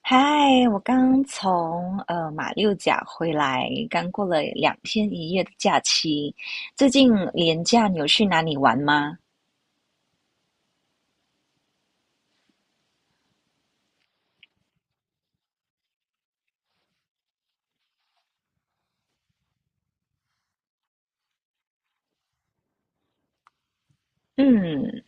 嗨，我刚从马六甲回来，刚过了两天一夜的假期。最近连假你有去哪里玩吗？嗯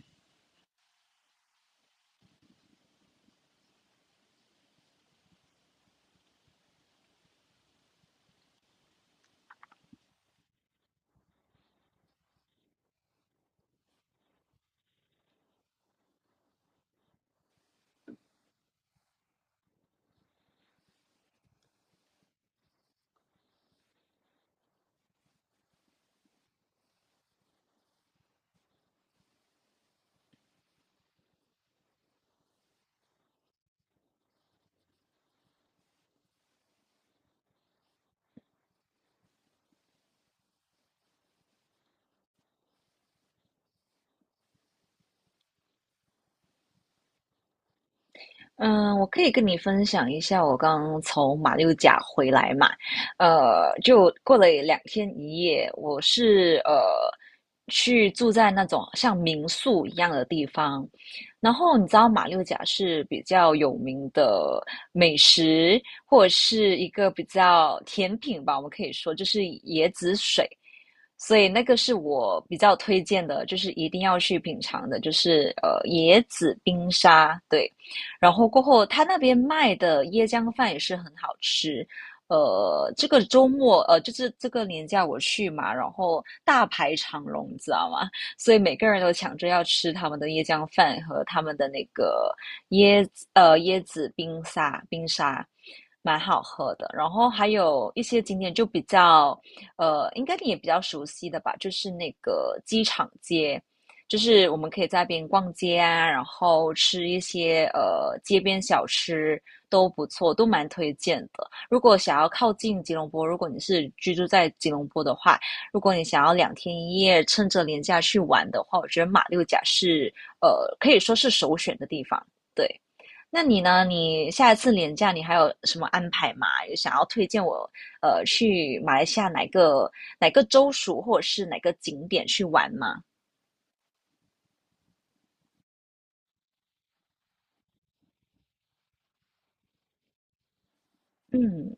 嗯，我可以跟你分享一下我刚从马六甲回来嘛，就过了两天一夜，我是去住在那种像民宿一样的地方，然后你知道马六甲是比较有名的美食，或者是一个比较甜品吧，我们可以说就是椰子水，所以那个是我比较推荐的，就是一定要去品尝的，就是椰子冰沙，对。然后过后他那边卖的椰浆饭也是很好吃。这个周末就是这个年假我去嘛，然后大排长龙，你知道吗？所以每个人都抢着要吃他们的椰浆饭和他们的那个椰椰子冰沙，蛮好喝的。然后还有一些景点就比较应该你也比较熟悉的吧，就是那个机场街，就是我们可以在那边逛街啊，然后吃一些街边小吃都不错，都蛮推荐的。如果想要靠近吉隆坡，如果你是居住在吉隆坡的话，如果你想要两天一夜趁着年假去玩的话，我觉得马六甲是呃可以说是首选的地方。对，那你呢？你下一次年假你还有什么安排吗？有想要推荐我去马来西亚哪个州属或者是哪个景点去玩吗？嗯。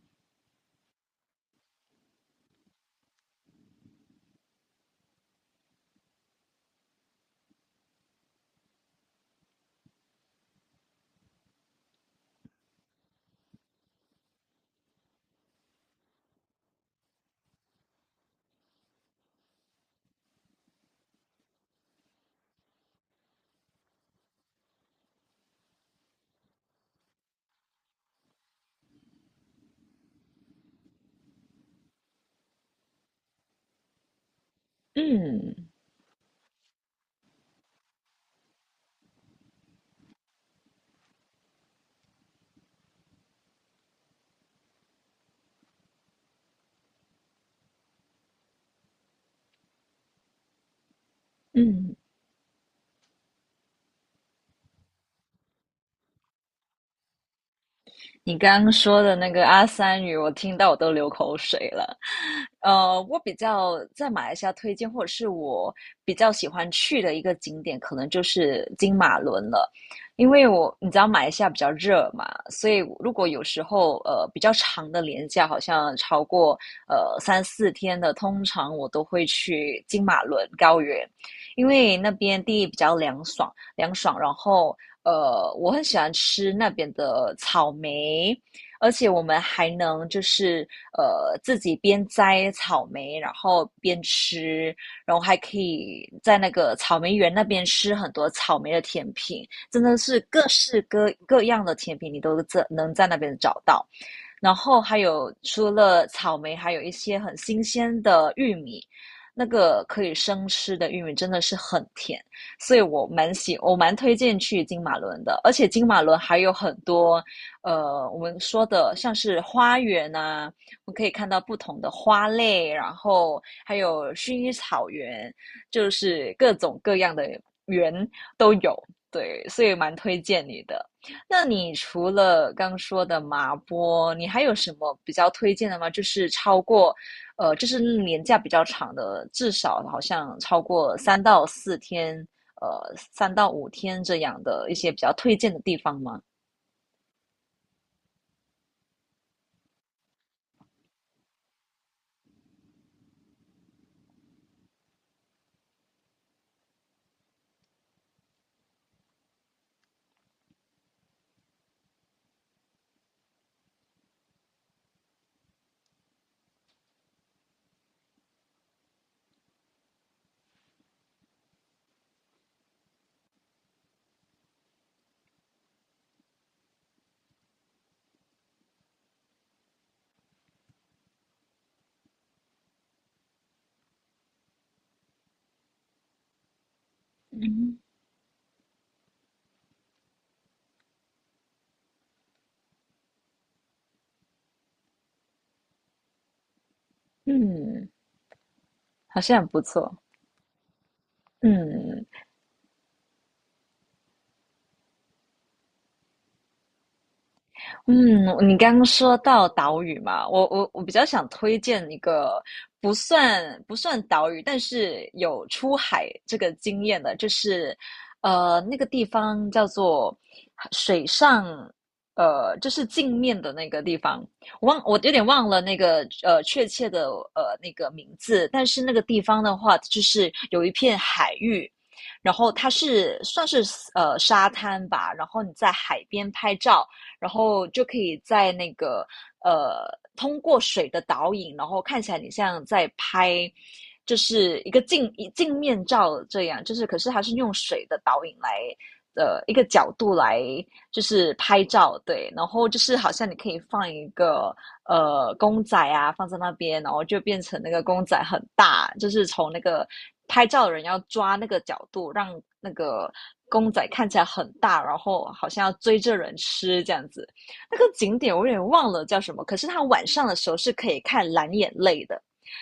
嗯嗯，你刚刚说的那个阿三语，我听到我都流口水了。我比较在马来西亚推荐，或者是我比较喜欢去的一个景点，可能就是金马伦了。因为我你知道马来西亚比较热嘛，所以如果有时候比较长的连假，好像超过三四天的，通常我都会去金马伦高原，因为那边地比较凉爽，凉爽，然后我很喜欢吃那边的草莓，而且我们还能就是自己边摘草莓，然后边吃，然后还可以在那个草莓园那边吃很多草莓的甜品，真的是各式各样的甜品，你都能在那边找到。然后还有除了草莓，还有一些很新鲜的玉米，那个可以生吃的玉米真的是很甜，所以我蛮推荐去金马伦的。而且金马伦还有很多，我们说的像是花园啊，我们可以看到不同的花类，然后还有薰衣草园，就是各种各样的园都有。对，所以蛮推荐你的。那你除了刚说的麻波，你还有什么比较推荐的吗？就是超过，就是年假比较长的，至少好像超过三到四天，三到五天这样的一些比较推荐的地方吗？嗯，好像很不错。嗯，嗯，你刚刚说到岛屿嘛，我比较想推荐一个不算岛屿，但是有出海这个经验的，就是那个地方叫做水上，就是镜面的那个地方，我有点忘了那个确切的那个名字，但是那个地方的话，就是有一片海域。然后它是算是沙滩吧，然后你在海边拍照，然后就可以在那个呃通过水的导影，然后看起来你像在拍。就是一个镜面照这样，就是可是它是用水的导影来一个角度来就是拍照，对，然后就是好像你可以放一个公仔啊放在那边，然后就变成那个公仔很大，就是从那个拍照的人要抓那个角度，让那个公仔看起来很大，然后好像要追着人吃这样子。那个景点我有点忘了叫什么，可是它晚上的时候是可以看蓝眼泪的。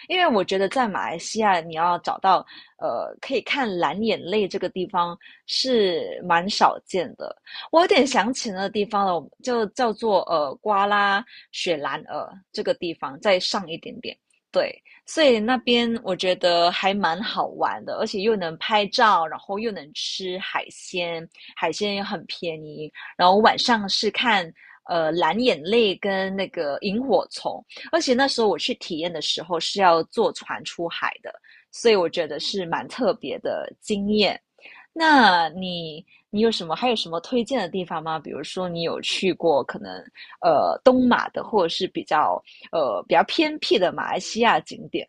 因为我觉得在马来西亚，你要找到可以看蓝眼泪这个地方是蛮少见的，我有点想起那个地方了，就叫做瓜拉雪兰莪这个地方，再上一点点。对，所以那边我觉得还蛮好玩的，而且又能拍照，然后又能吃海鲜，海鲜也很便宜。然后晚上是看蓝眼泪跟那个萤火虫，而且那时候我去体验的时候是要坐船出海的，所以我觉得是蛮特别的经验。那你你有什么还有什么推荐的地方吗？比如说你有去过可能东马的，或者是比较比较偏僻的马来西亚景点？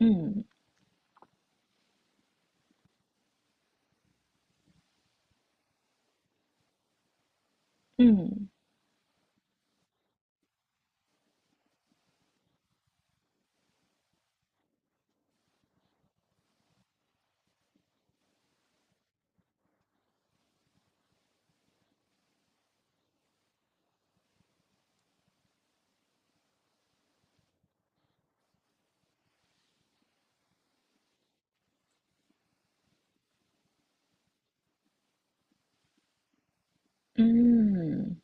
嗯嗯嗯，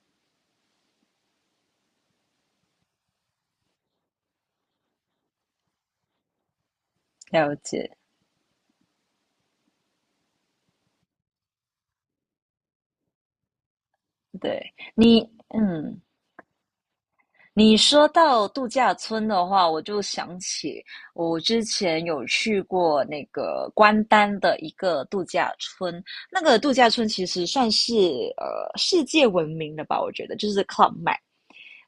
了解。对你，嗯，你说到度假村的话，我就想起我之前有去过那个关丹的一个度假村，那个度假村其实算是世界闻名的吧，我觉得就是 Club Med。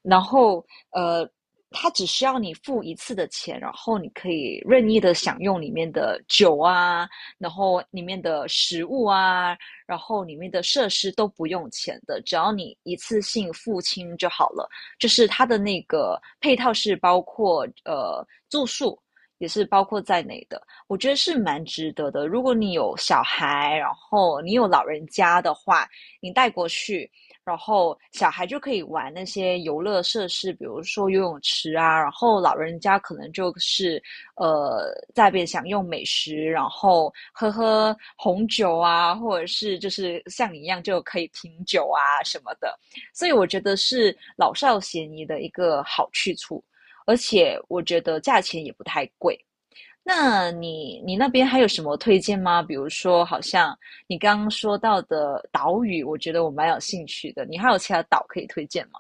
然后呃，它只需要你付一次的钱，然后你可以任意的享用里面的酒啊，然后里面的食物啊，然后里面的设施都不用钱的，只要你一次性付清就好了。就是它的那个配套是包括住宿。也是包括在内的，我觉得是蛮值得的。如果你有小孩，然后你有老人家的话，你带过去，然后小孩就可以玩那些游乐设施，比如说游泳池啊，然后老人家可能就是在那边享用美食，然后喝喝红酒啊，或者是就是像你一样就可以品酒啊什么的，所以我觉得是老少咸宜的一个好去处，而且我觉得价钱也不太贵。那你你那边还有什么推荐吗？比如说，好像你刚刚说到的岛屿，我觉得我蛮有兴趣的。你还有其他岛可以推荐吗？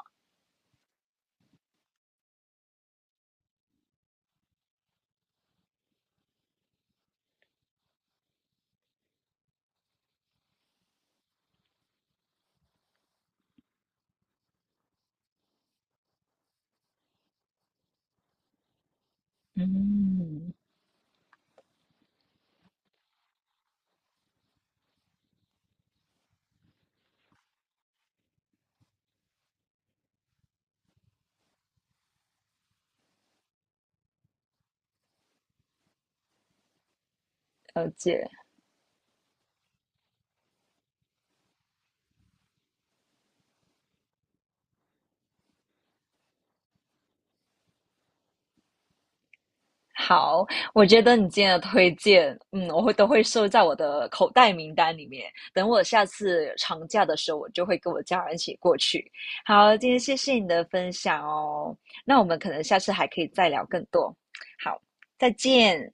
嗯，了解。好，我觉得你今天的推荐，嗯，我会都会收在我的口袋名单里面。等我下次长假的时候，我就会跟我家人一起过去。好，今天谢谢你的分享哦。那我们可能下次还可以再聊更多。好，再见。